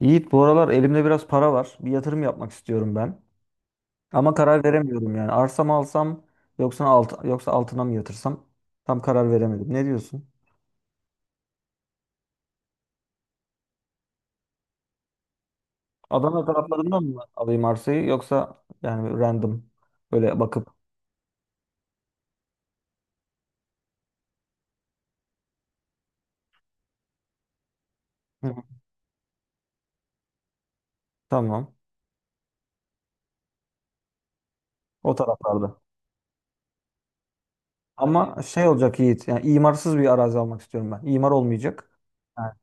Yiğit, bu aralar elimde biraz para var. Bir yatırım yapmak istiyorum ben. Ama karar veremiyorum yani. Arsa mı alsam yoksa altına mı yatırsam? Tam karar veremedim. Ne diyorsun? Adana taraflarından mı alayım arsayı, yoksa yani random böyle bakıp... Hı. Tamam, o taraflarda. Ama şey olacak Yiğit, yani imarsız bir arazi almak istiyorum ben. İmar olmayacak. Ha.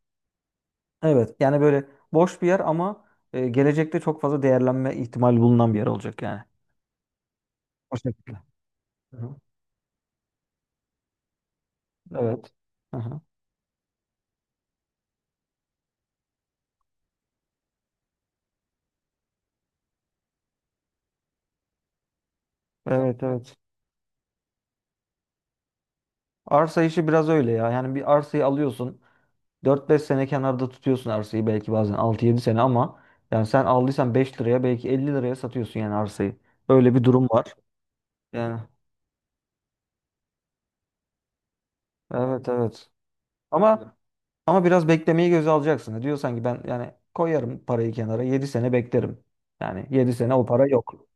Evet yani böyle boş bir yer ama gelecekte çok fazla değerlenme ihtimali bulunan bir yer olacak yani. O şekilde. Hı hı. Evet. Hı hı. Evet evet. Arsa işi biraz öyle ya. Yani bir arsayı alıyorsun, dört beş sene kenarda tutuyorsun arsayı, belki bazen altı yedi sene, ama yani sen aldıysan 5 liraya, belki 50 liraya satıyorsun yani arsayı. Öyle bir durum var. Yani evet evet. Ama biraz beklemeyi göze alacaksın. E, diyorsan ki ben yani koyarım parayı kenara, 7 sene beklerim. Yani 7 sene o para yok.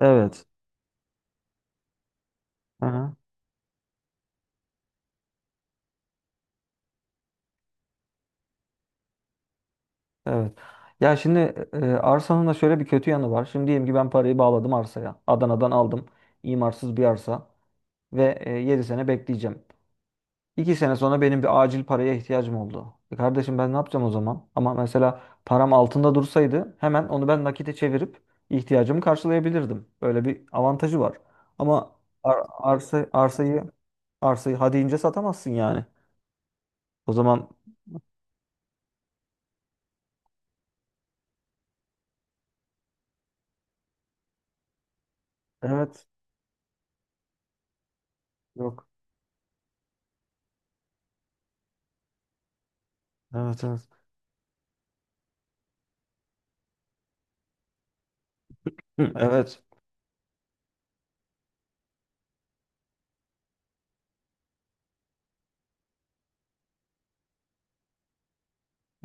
Evet. Aha, evet. Ya şimdi, arsanın da şöyle bir kötü yanı var. Şimdi diyelim ki ben parayı bağladım arsaya, Adana'dan aldım. İmarsız bir arsa. Ve 7 sene bekleyeceğim. 2 sene sonra benim bir acil paraya ihtiyacım oldu. E kardeşim, ben ne yapacağım o zaman? Ama mesela param altında dursaydı hemen onu ben nakite çevirip ihtiyacımı karşılayabilirdim. Böyle bir avantajı var. Ama ar- arsa arsayı arsayı hadi ince satamazsın yani. O zaman evet, yok. Evet evet. Hı, evet.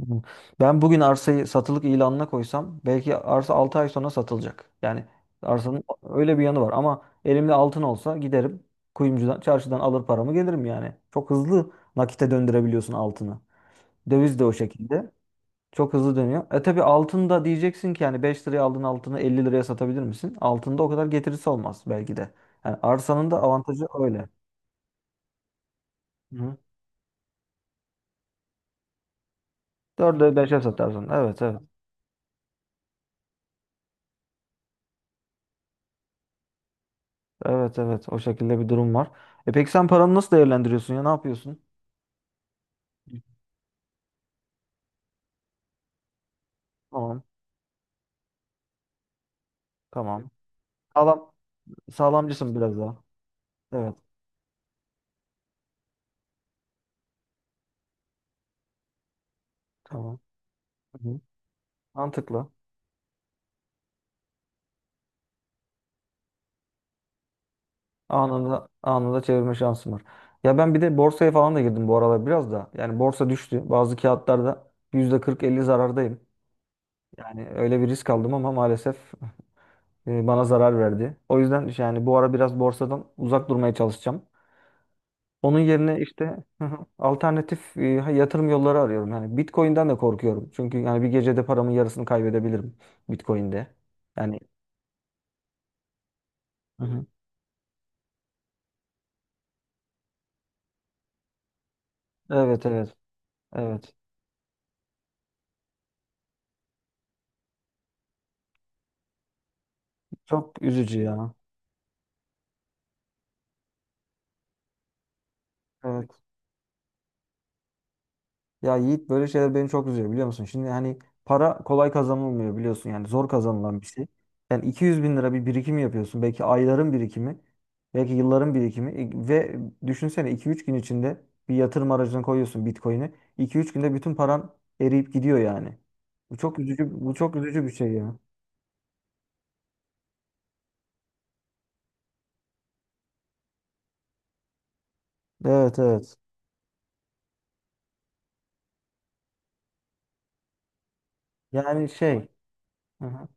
Hı. Ben bugün arsayı satılık ilanına koysam belki arsa 6 ay sonra satılacak. Yani arsanın öyle bir yanı var, ama elimde altın olsa giderim kuyumcudan, çarşıdan alır paramı gelirim yani. Çok hızlı nakite döndürebiliyorsun altını. Döviz de o şekilde. Çok hızlı dönüyor. E tabii altın da diyeceksin ki yani 5 liraya aldığın altını 50 liraya satabilir misin? Altında o kadar getirisi olmaz belki de. Yani arsanın da avantajı öyle. Hı. 4'e 5'e satarsın. Evet evet. Evet evet, o şekilde bir durum var. E peki sen paranı nasıl değerlendiriyorsun ya? Ne yapıyorsun? Tamam tamam. Sağlam sağlamcısın biraz daha. Evet, tamam. Hı hı. Mantıklı. Anında anında çevirme şansım var. Ya ben bir de borsaya falan da girdim bu aralar biraz da. Yani borsa düştü. Bazı kağıtlarda yüzde kırk elli zarardayım. Yani öyle bir risk aldım ama maalesef bana zarar verdi. O yüzden yani bu ara biraz borsadan uzak durmaya çalışacağım. Onun yerine işte, hı hı, alternatif yatırım yolları arıyorum. Yani Bitcoin'den de korkuyorum. Çünkü yani bir gecede paramın yarısını kaybedebilirim Bitcoin'de. Yani hı hı, evet evet evet. Çok üzücü ya. Evet. Ya Yiğit, böyle şeyler beni çok üzüyor biliyor musun? Şimdi hani para kolay kazanılmıyor, biliyorsun yani zor kazanılan bir şey. Yani 200 bin lira bir birikim yapıyorsun. Belki ayların birikimi, belki yılların birikimi. E, ve düşünsene 2-3 gün içinde bir yatırım aracına koyuyorsun Bitcoin'i. 2-3 günde bütün paran eriyip gidiyor yani. Bu çok üzücü, bu çok üzücü bir şey ya. Evet evet. Yani şey, hı hı,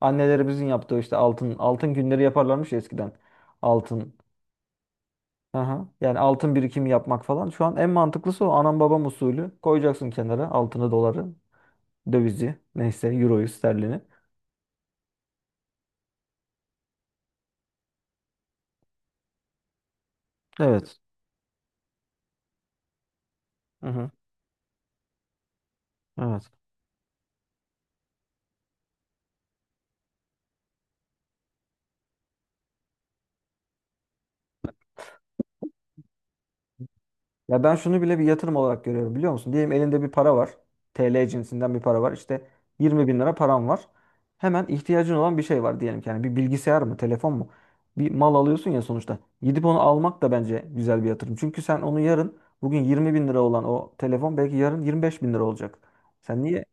annelerimizin yaptığı işte altın, altın günleri yaparlarmış ya eskiden. Altın. Aha. Yani altın birikimi yapmak falan. Şu an en mantıklısı o anam babam usulü. Koyacaksın kenara altını, doları, dövizi, neyse euroyu, sterlini. Evet. Hı hı. Evet. Ya ben şunu bile bir yatırım olarak görüyorum biliyor musun? Diyelim elinde bir para var. TL cinsinden bir para var. İşte 20 bin lira param var. Hemen ihtiyacın olan bir şey var diyelim ki. Yani bir bilgisayar mı, telefon mu? Bir mal alıyorsun ya sonuçta. Gidip onu almak da bence güzel bir yatırım. Çünkü sen onu yarın, bugün 20 bin lira olan o telefon belki yarın 25 bin lira olacak. Sen niye...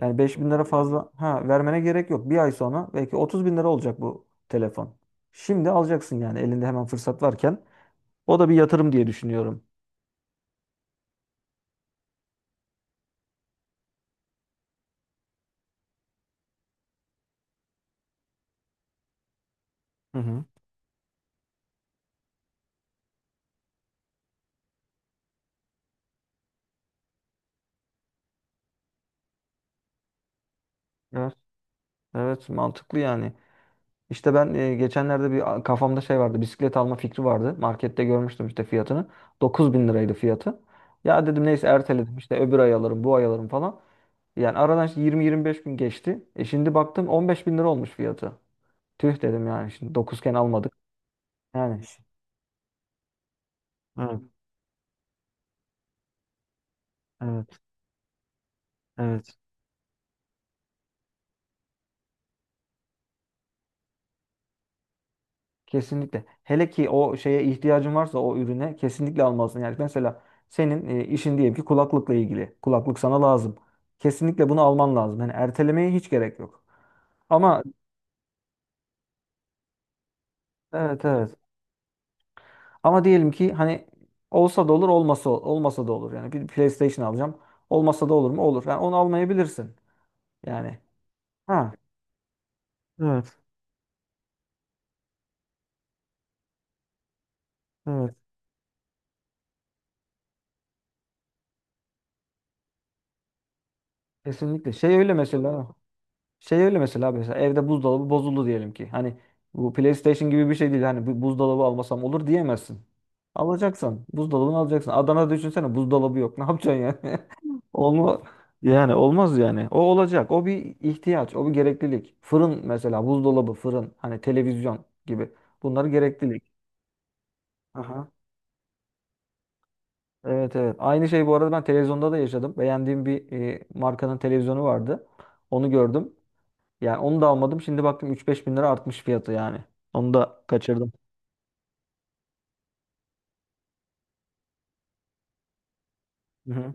Yani 5 bin lira fazla ha, vermene gerek yok. Bir ay sonra belki 30 bin lira olacak bu telefon. Şimdi alacaksın yani, elinde hemen fırsat varken. O da bir yatırım diye düşünüyorum. Hı hı. Evet. Evet, mantıklı yani. İşte ben geçenlerde bir kafamda şey vardı. Bisiklet alma fikri vardı. Markette görmüştüm işte fiyatını. 9 bin liraydı fiyatı. Ya dedim neyse, erteledim işte, öbür ay alırım bu ay alırım falan. Yani aradan işte 20-25 gün geçti. E şimdi baktım 15 bin lira olmuş fiyatı. Tüh dedim yani, şimdi 9'ken almadık. Yani. Evet. Evet. Evet. Kesinlikle. Hele ki o şeye ihtiyacın varsa, o ürüne kesinlikle almalısın. Yani mesela senin işin diyelim ki kulaklıkla ilgili. Kulaklık sana lazım. Kesinlikle bunu alman lazım. Yani ertelemeye hiç gerek yok. Ama evet evet. Ama diyelim ki hani olsa da olur, olmasa da olur. Yani bir PlayStation alacağım. Olmasa da olur mu? Olur. Yani onu almayabilirsin. Yani. Ha. Evet, evet. Kesinlikle. Şey öyle mesela. Şey öyle mesela, evde buzdolabı bozuldu diyelim ki. Hani bu PlayStation gibi bir şey değil. Hani bu buzdolabı almasam olur diyemezsin. Alacaksan buzdolabını alacaksın. Adana'da düşünsene buzdolabı yok. Ne yapacaksın yani? Olma Yani olmaz yani. O olacak. O bir ihtiyaç, o bir gereklilik. Fırın mesela, buzdolabı, fırın, hani televizyon gibi. Bunlar gereklilik. Aha. Evet evet. Aynı şey bu arada ben televizyonda da yaşadım. Beğendiğim bir markanın televizyonu vardı. Onu gördüm. Yani onu da almadım. Şimdi baktım üç beş bin lira artmış fiyatı yani. Onu da kaçırdım. Hı hı.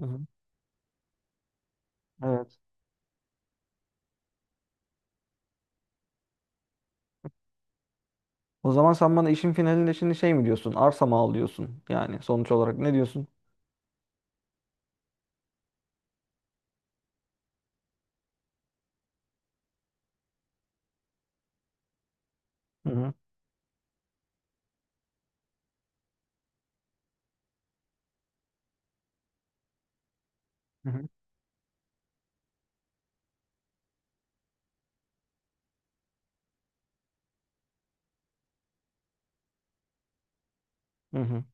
Hı hı. Evet. O zaman sen bana işin finalinde şimdi şey mi diyorsun? Arsa mı al diyorsun? Yani sonuç olarak ne diyorsun? Hı hı. Hı hı. Hı hı.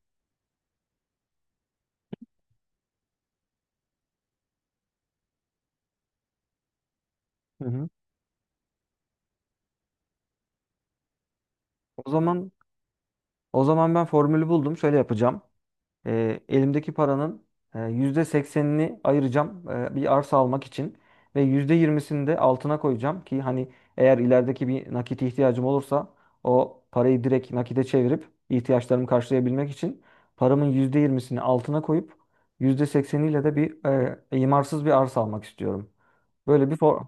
Hı hı. O zaman, ben formülü buldum. Şöyle yapacağım. E, elimdeki paranın %80'ini ayıracağım bir arsa almak için ve %20'sini de altına koyacağım ki hani eğer ilerideki bir nakit ihtiyacım olursa o parayı direkt nakite çevirip ihtiyaçlarımı karşılayabilmek için paramın %20'sini altına koyup %80'iyle de bir imarsız bir arsa almak istiyorum. Böyle bir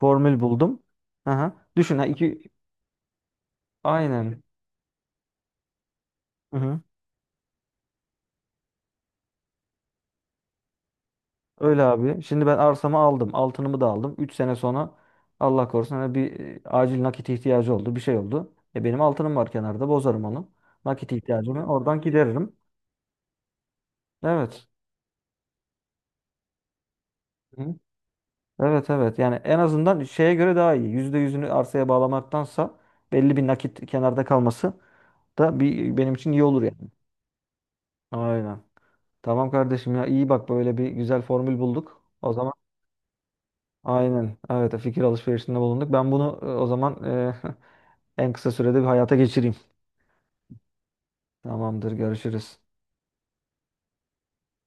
formül buldum. Aha. Düşün ha, iki... Aynen. Hı hı. Öyle abi. Şimdi ben arsamı aldım, altınımı da aldım. 3 sene sonra Allah korusun hani bir acil nakit ihtiyacı oldu. Bir şey oldu. E, benim altınım var kenarda. Bozarım onu. Nakit ihtiyacımı oradan gideririm. Evet. Hı? Evet evet. Yani en azından şeye göre daha iyi. %100'ünü arsaya bağlamaktansa belli bir nakit kenarda kalması da bir, benim için iyi olur yani. Aynen. Tamam kardeşim ya, iyi bak, böyle bir güzel formül bulduk. O zaman aynen, evet, fikir alışverişinde bulunduk. Ben bunu o zaman en kısa sürede bir hayata geçireyim. Tamamdır, görüşürüz.